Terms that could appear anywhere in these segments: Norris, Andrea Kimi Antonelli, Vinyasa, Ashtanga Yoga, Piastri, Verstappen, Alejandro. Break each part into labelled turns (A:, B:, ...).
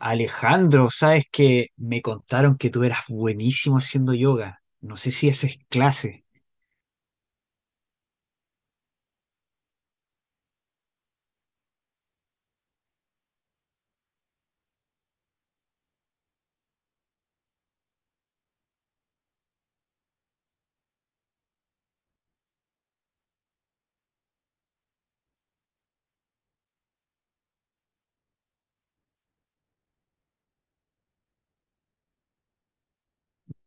A: Alejandro, sabes que me contaron que tú eras buenísimo haciendo yoga. No sé si haces clase.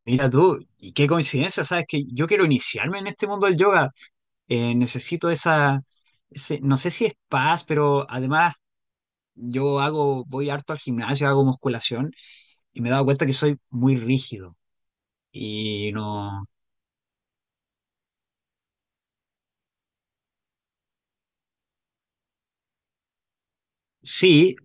A: Mira tú, y qué coincidencia, sabes que yo quiero iniciarme en este mundo del yoga. Necesito esa, no sé si es paz, pero además voy harto al gimnasio, hago musculación y me he dado cuenta que soy muy rígido y no. Sí,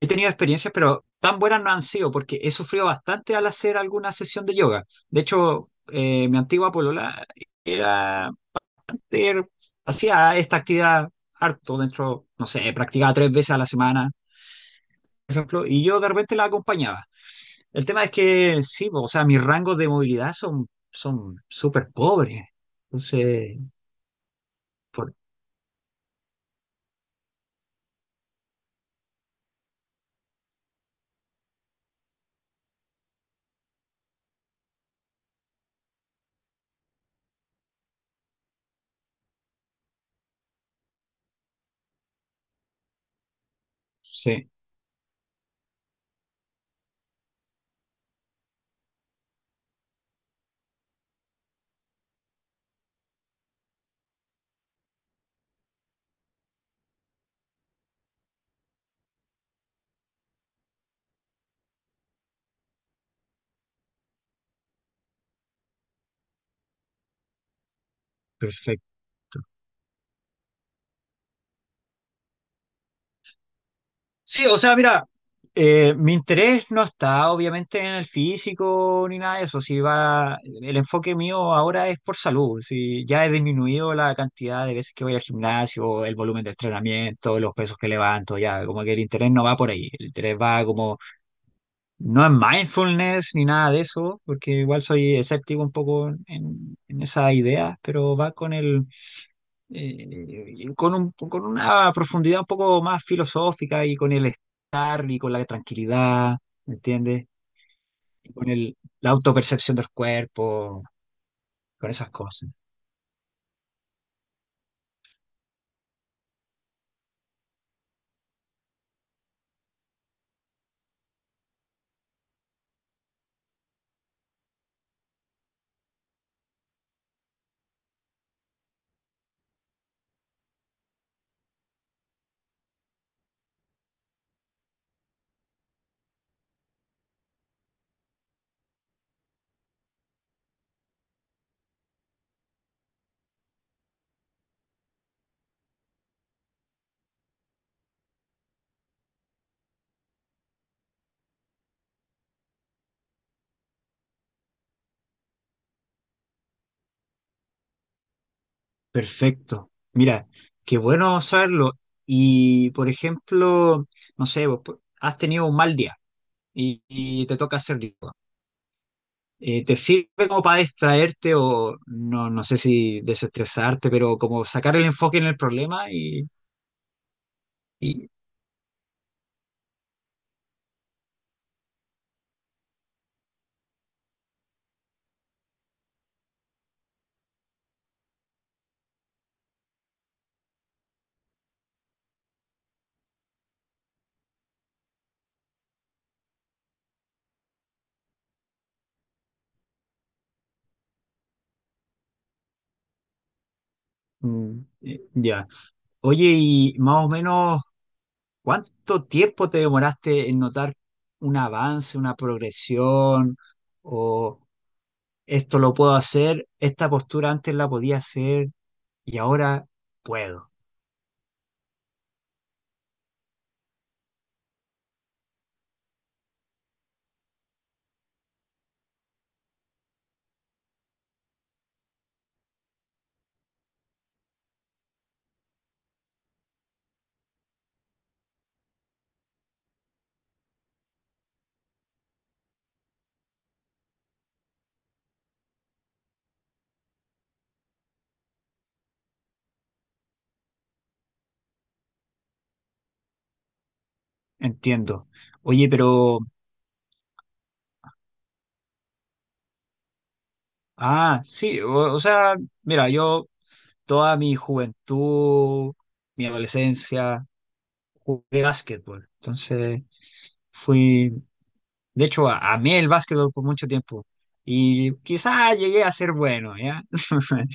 A: he tenido experiencias, pero tan buenas no han sido porque he sufrido bastante al hacer alguna sesión de yoga. De hecho, mi antigua polola era, era- hacía esta actividad harto dentro, no sé, practicaba tres veces a la semana, por ejemplo, y yo de repente la acompañaba. El tema es que sí, o sea, mis rangos de movilidad son súper pobres. Entonces, por- sí, perfecto. Sí, o sea, mira, mi interés no está obviamente en el físico ni nada de eso. Si va, el enfoque mío ahora es por salud. Si ya he disminuido la cantidad de veces que voy al gimnasio, el volumen de entrenamiento, los pesos que levanto, ya, como que el interés no va por ahí. El interés va como, no en mindfulness ni nada de eso, porque igual soy escéptico un poco en esa idea, pero va con una profundidad un poco más filosófica y con la tranquilidad, ¿me entiendes? Y con el, la autopercepción del cuerpo, con esas cosas. Perfecto. Mira, qué bueno saberlo. Y, por ejemplo, no sé, vos, pues, has tenido un mal día y te toca hacer yoga. ¿Te sirve como para distraerte o no, no sé si desestresarte, pero como sacar el enfoque en el problema y, ya. Oye, y más o menos, ¿cuánto tiempo te demoraste en notar un avance, una progresión, o esto lo puedo hacer, esta postura antes la podía hacer y ahora puedo? Entiendo. Oye, pero, ah, sí, o sea, mira, yo toda mi juventud, mi adolescencia, jugué básquetbol. Entonces, fui, de hecho, amé el básquetbol por mucho tiempo y quizás llegué a ser bueno, ¿ya?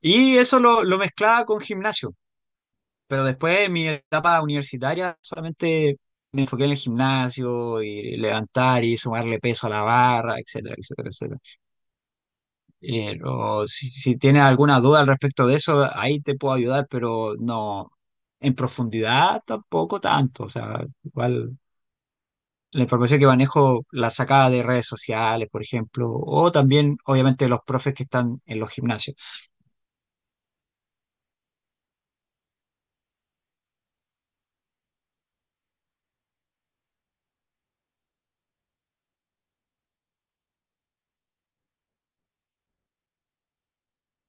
A: Y eso lo mezclaba con gimnasio, pero después en mi etapa universitaria solamente me enfoqué en el gimnasio y levantar y sumarle peso a la barra, etcétera, etcétera, etcétera. O si tienes alguna duda al respecto de eso, ahí te puedo ayudar, pero no en profundidad tampoco tanto. O sea, igual la información que manejo la sacaba de redes sociales, por ejemplo, o también obviamente los profes que están en los gimnasios.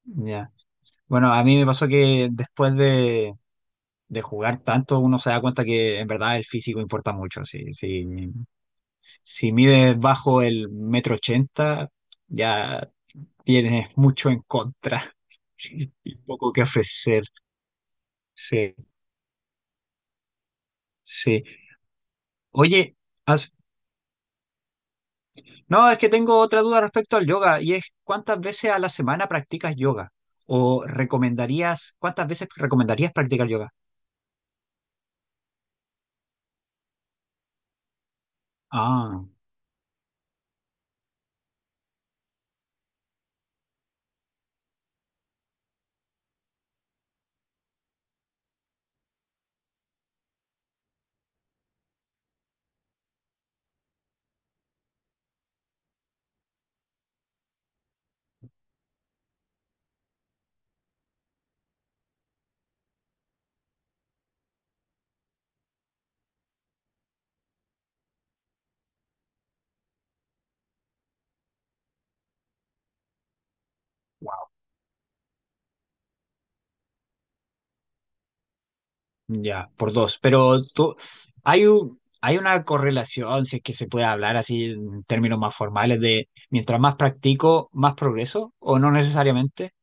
A: Ya. Bueno, a mí me pasó que después de jugar tanto, uno se da cuenta que en verdad el físico importa mucho. Si, si mides bajo el metro ochenta, ya tienes mucho en contra y poco que ofrecer. Sí, sí. Oye, has- no, es que tengo otra duda respecto al yoga y es, ¿cuántas veces a la semana practicas yoga? ¿O recomendarías, cuántas veces recomendarías practicar yoga? Ah. Ya, por dos. Pero tú, hay una correlación, si es que se puede hablar así en términos más formales, de mientras más practico, más progreso, o no necesariamente.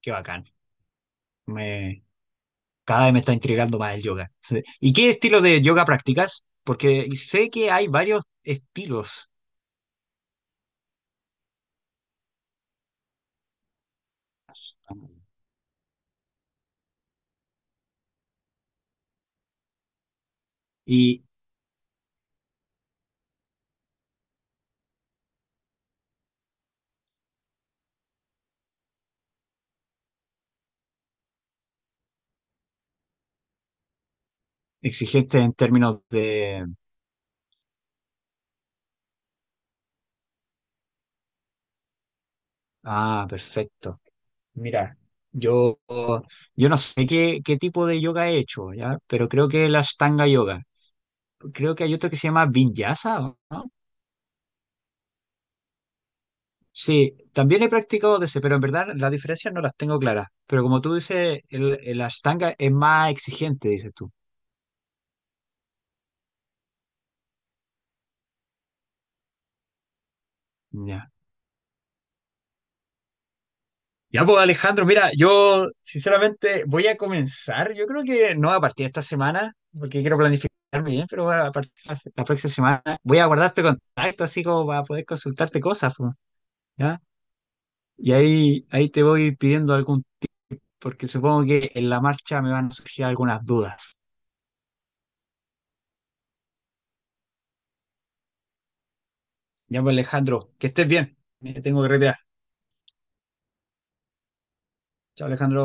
A: Qué bacán. Me, cada vez me está intrigando más el yoga. ¿Y qué estilo de yoga practicas? Porque sé que hay varios estilos y exigentes en términos. Ah, perfecto. Mira, yo, yo no sé qué tipo de yoga he hecho, ¿ya? Pero creo que la Ashtanga Yoga. Creo que hay otro que se llama Vinyasa, ¿o no? Sí, también he practicado de ese, pero en verdad las diferencias no las tengo claras. Pero como tú dices, el Ashtanga es más exigente, dices tú. Ya. Ya, pues Alejandro, mira, yo sinceramente voy a comenzar, yo creo que no a partir de esta semana, porque quiero planificarme bien, pero a partir de la próxima semana voy a guardarte contacto así como para poder consultarte cosas, pues, ¿ya? Y ahí te voy pidiendo algún, porque supongo que en la marcha me van a surgir algunas dudas. Ya, pues Alejandro, que estés bien, me tengo que retirar. Chao, Alejandro.